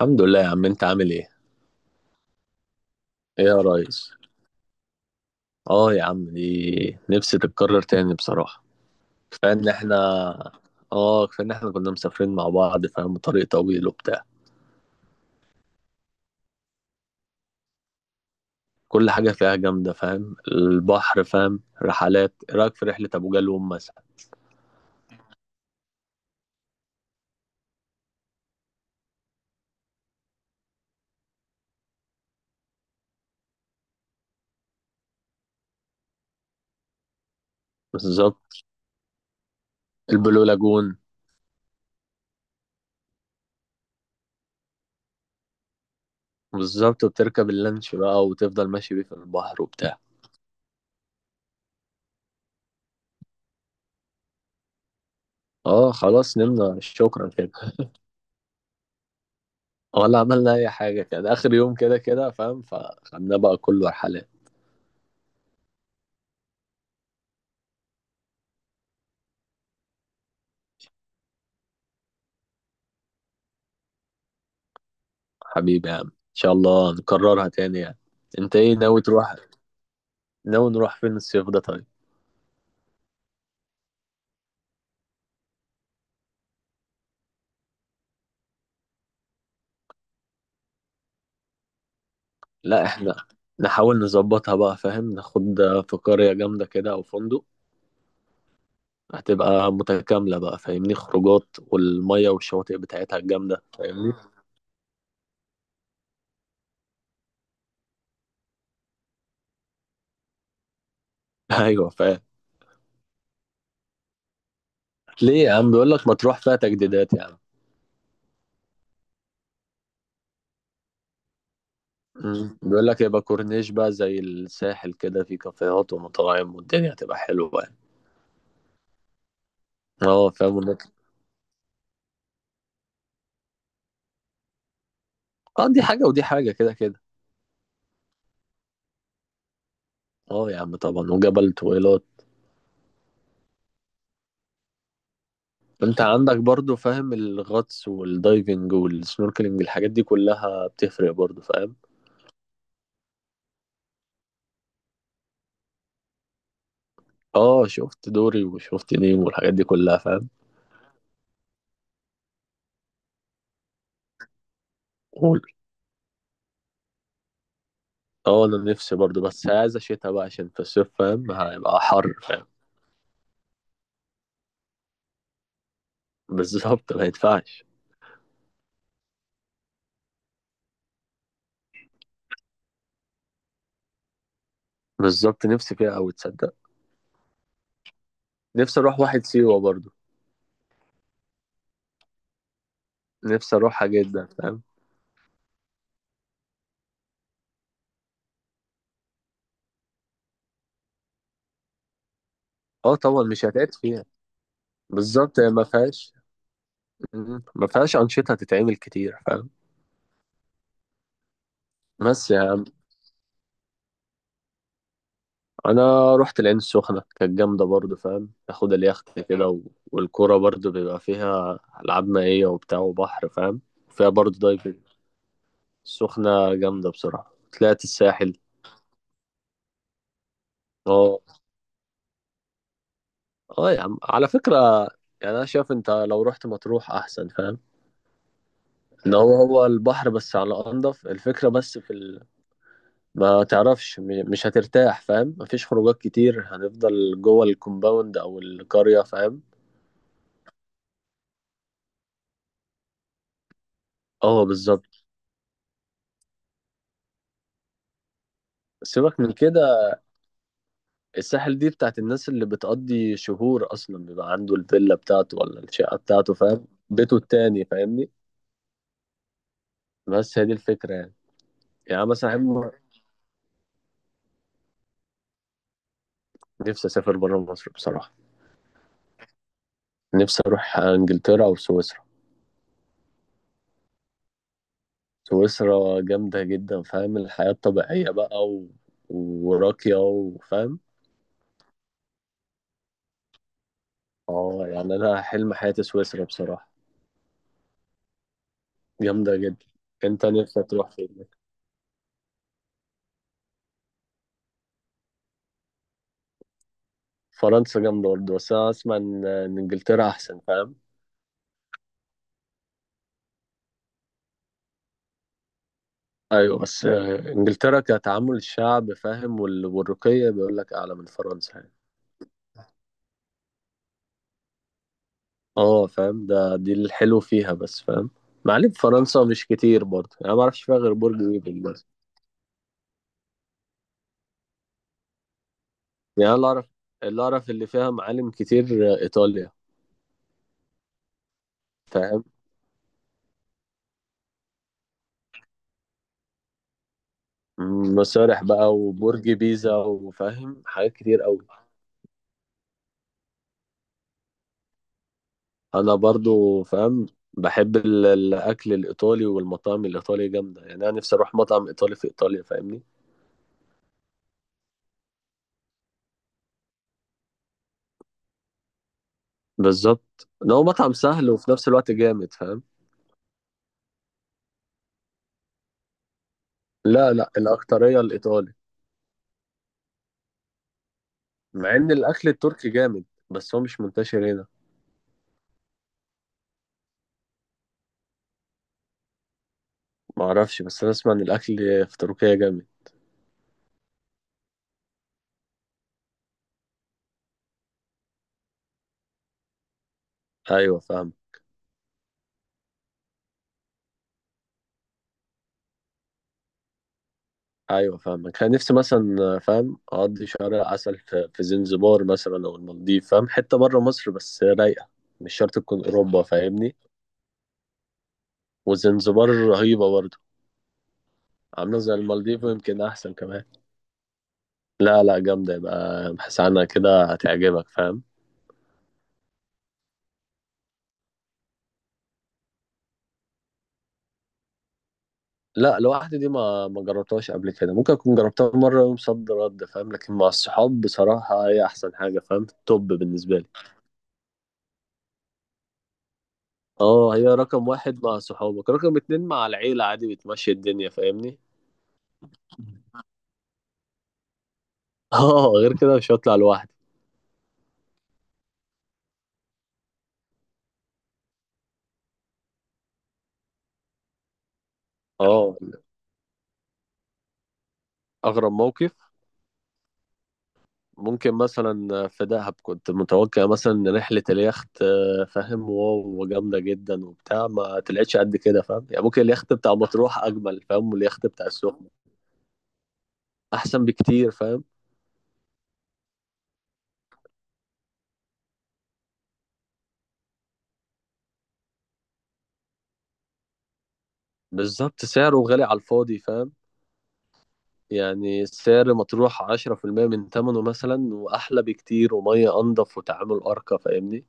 الحمد لله يا عم، انت عامل ايه؟ ايه يا ريس؟ اه يا عم، دي نفسي تتكرر تاني بصراحة. كفاية ان احنا. اه، كفاية ان احنا كنا مسافرين مع بعض فاهم، طريق طويل وبتاع. كل حاجة فيها جامدة فاهم، البحر فاهم، رحلات. ايه رأيك في رحلة ابو جالوم مثلا؟ بالظبط. البلو لاجون. بالظبط. وبتركب اللانش بقى وتفضل ماشي بيه في البحر وبتاع. اه خلاص، نمنا شكرا كده. ولا عملنا اي حاجة كده، اخر يوم كده كده فاهم، فخدنا بقى كله رحلات. حبيبي يا عم، ان شاء الله نكررها تاني يعني. انت ايه ناوي تروح؟ ناوي نروح فين الصيف ده طيب؟ لا احنا نحاول نظبطها بقى فاهم، ناخد في قرية جامدة كده او فندق. هتبقى متكاملة بقى فاهمني، خروجات والمية والشواطئ بتاعتها الجامدة فاهمني. ايوه فاهم. ليه يا عم؟ بيقول لك ما تروح فيها تجديدات يا عم. بيقول لك يبقى كورنيش بقى زي الساحل، كده في كافيهات ومطاعم والدنيا هتبقى حلوة يعني. اه فاهم، ونطلع. اه دي حاجة ودي حاجة كده كده. اه يا عم طبعا، وجبل طويلات. انت عندك برضو فاهم، الغطس والدايفنج والسنوركلينج الحاجات دي كلها بتفرق برضو فاهم. اه شفت دوري وشفت نيم والحاجات دي كلها فاهم. قول. اه انا نفسي برضو، بس عايز شتا بقى عشان في الصيف فاهم، هيبقى حر فاهم. بالظبط، ما ينفعش. بالظبط، نفسي فيها اوي تصدق. نفسي اروح واحد سيوة برضو. نفسي اروحها جدا فاهم. اه طبعا، مش هتعد فيها. بالظبط، هي ما فيهاش. ما فيهاش انشطه تتعمل كتير فاهم. بس يا عم، انا رحت العين السخنه، كانت جامده برضو فاهم، اخد اليخت كده. و... والكوره برضو بيبقى فيها العاب مائيه وبتاع وبحر فاهم. فيها برضو دايفنج. السخنه جامده بصراحه. طلعت الساحل. اه، اه يا عم على فكره، يعني انا شايف انت لو رحت مطروح احسن فاهم، ان هو هو البحر بس على انضف الفكره بس ما تعرفش مش هترتاح فاهم، مفيش خروجات كتير، هنفضل جوه الكومباوند او القريه فاهم. اه بالظبط. سيبك من كده، الساحل دي بتاعت الناس اللي بتقضي شهور، اصلا بيبقى عنده الفيلا بتاعته ولا الشقه بتاعته فاهم، بيته التاني فاهمني. بس هي دي الفكره يعني. يعني مثلا نفسي اسافر بره مصر بصراحه. نفسي اروح انجلترا او سويسرا. سويسرا جامده جدا فاهم، الحياه الطبيعيه بقى وراقيه وفاهم. اه يعني انا حلم حياتي سويسرا بصراحه. جامده جدا. انت نفسك تروح فين؟ فرنسا جامده برضه، بس انا اسمع إن انجلترا احسن فاهم. ايوه بس انجلترا كتعامل الشعب فاهم، والرقي بيقول لك اعلى من فرنسا يعني. اه فاهم، ده دي الحلو فيها بس فاهم. معالم فرنسا مش كتير برضه يعني، ما اعرفش فيها غير برج ايفل بس. يعني أنا اللي اعرف، اللي اعرف اللي فيها معالم كتير ايطاليا فاهم. مسارح بقى وبرج بيزا وفاهم حاجات كتير قوي. انا برضو فاهم، بحب الاكل الايطالي والمطاعم الايطالية جامدة يعني، انا نفسي اروح مطعم ايطالي في ايطاليا فاهمني. بالظبط ان هو مطعم سهل وفي نفس الوقت جامد فاهم. لا، لا، الاكتريه الايطالي. مع ان الاكل التركي جامد بس هو مش منتشر هنا. ما اعرفش، بس انا اسمع ان الاكل في تركيا جامد. ايوه فاهم. ايوه فاهم، كان نفسي مثلا فاهم اقضي شهر عسل في زنزبار مثلا او المالديف فاهم، حته بره مصر بس رايقه، مش شرط تكون اوروبا فاهمني. وزنزبار رهيبه برضه، عامله زي المالديف ويمكن احسن كمان. لا، لا، جامده، يبقى ابحث عنها كده هتعجبك فاهم. لا، لوحدي دي ما جربتهاش قبل كده، ممكن اكون جربتها مره يوم صد رد فاهم، لكن مع الصحاب بصراحه هي احسن حاجه فاهم، توب بالنسبه لي. اه، هي رقم واحد مع صحابك، رقم اتنين مع العيله عادي، بتمشي الدنيا فاهمني. اه غير كده مش هطلع لوحدي. اه، اغرب موقف. ممكن مثلا في دهب كنت متوقع مثلا ان رحله اليخت فاهم، واو وجامده جدا وبتاع، ما طلعتش قد كده فاهم يعني. ممكن اليخت بتاع مطروح اجمل فاهم، واليخت بتاع السخنه احسن بكتير فاهم. بالظبط، سعره غالي على الفاضي فاهم. يعني سعر مطروح 10% من ثمنه مثلا، وأحلى بكتير، ومية أنضف، وتعامل أرقى فاهمني.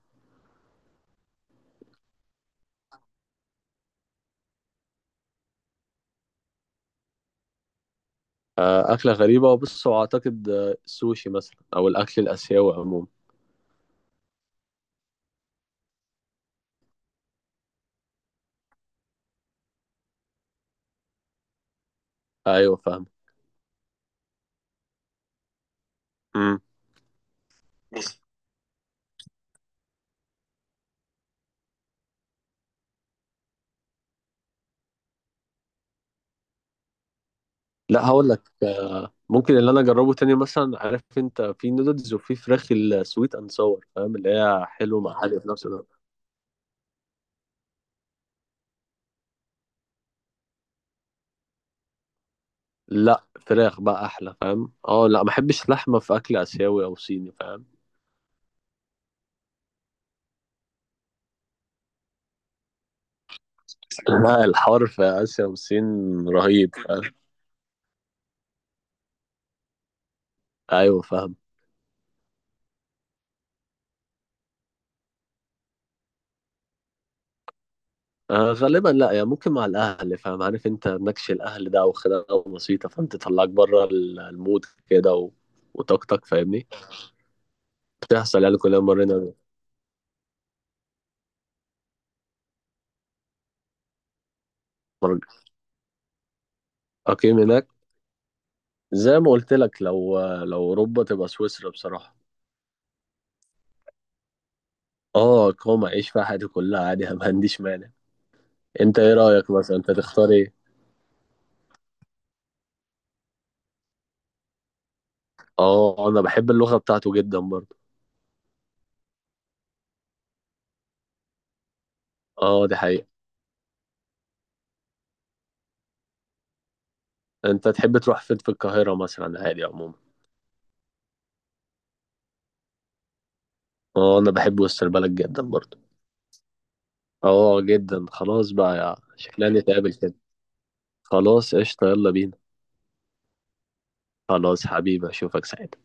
أكلة غريبة وبص، وأعتقد السوشي مثلا أو الأكل الآسيوي عموما. أيوه فاهم. مم. لا هقول لك ممكن اللي أنا أجربه تاني مثلا، عارف أنت في نودلز وفي فراخ السويت أند ساور فاهم، اللي هي حلو مع حلو في نفس الوقت. لا فراخ بقى أحلى فاهم. أه، لا ما بحبش لحمة في أكل آسيوي أو صيني فاهم. لا، الحوار في آسيا والصين رهيب فاهم. أيوه فاهم. غالبا لا يعني، ممكن مع الأهل فاهم، عارف أنت نكش الأهل ده أو خناقة بسيطة فاهم، تطلعك بره المود كده وطاقتك فاهمني. بتحصل يعني، كلنا مرينا. مرة- أقيم هناك. زي ما قلت لك، لو أوروبا تبقى سويسرا بصراحة. اه اقامة، أعيش فيها حياتي كلها عادي. ما عنديش مانع. أنت إيه رأيك مثلا؟ أنت تختار إيه؟ اه أنا بحب اللغة بتاعته جدا برضه. اه دي حقيقة. أنت تحب تروح فين في القاهرة مثلا عادي عموما؟ اه انا بحب وسط البلد جدا برضه. اه جدا، خلاص بقى يا شكلنا نتقابل كده. خلاص قشطة، يلا بينا. خلاص حبيبي، اشوفك ساعتها.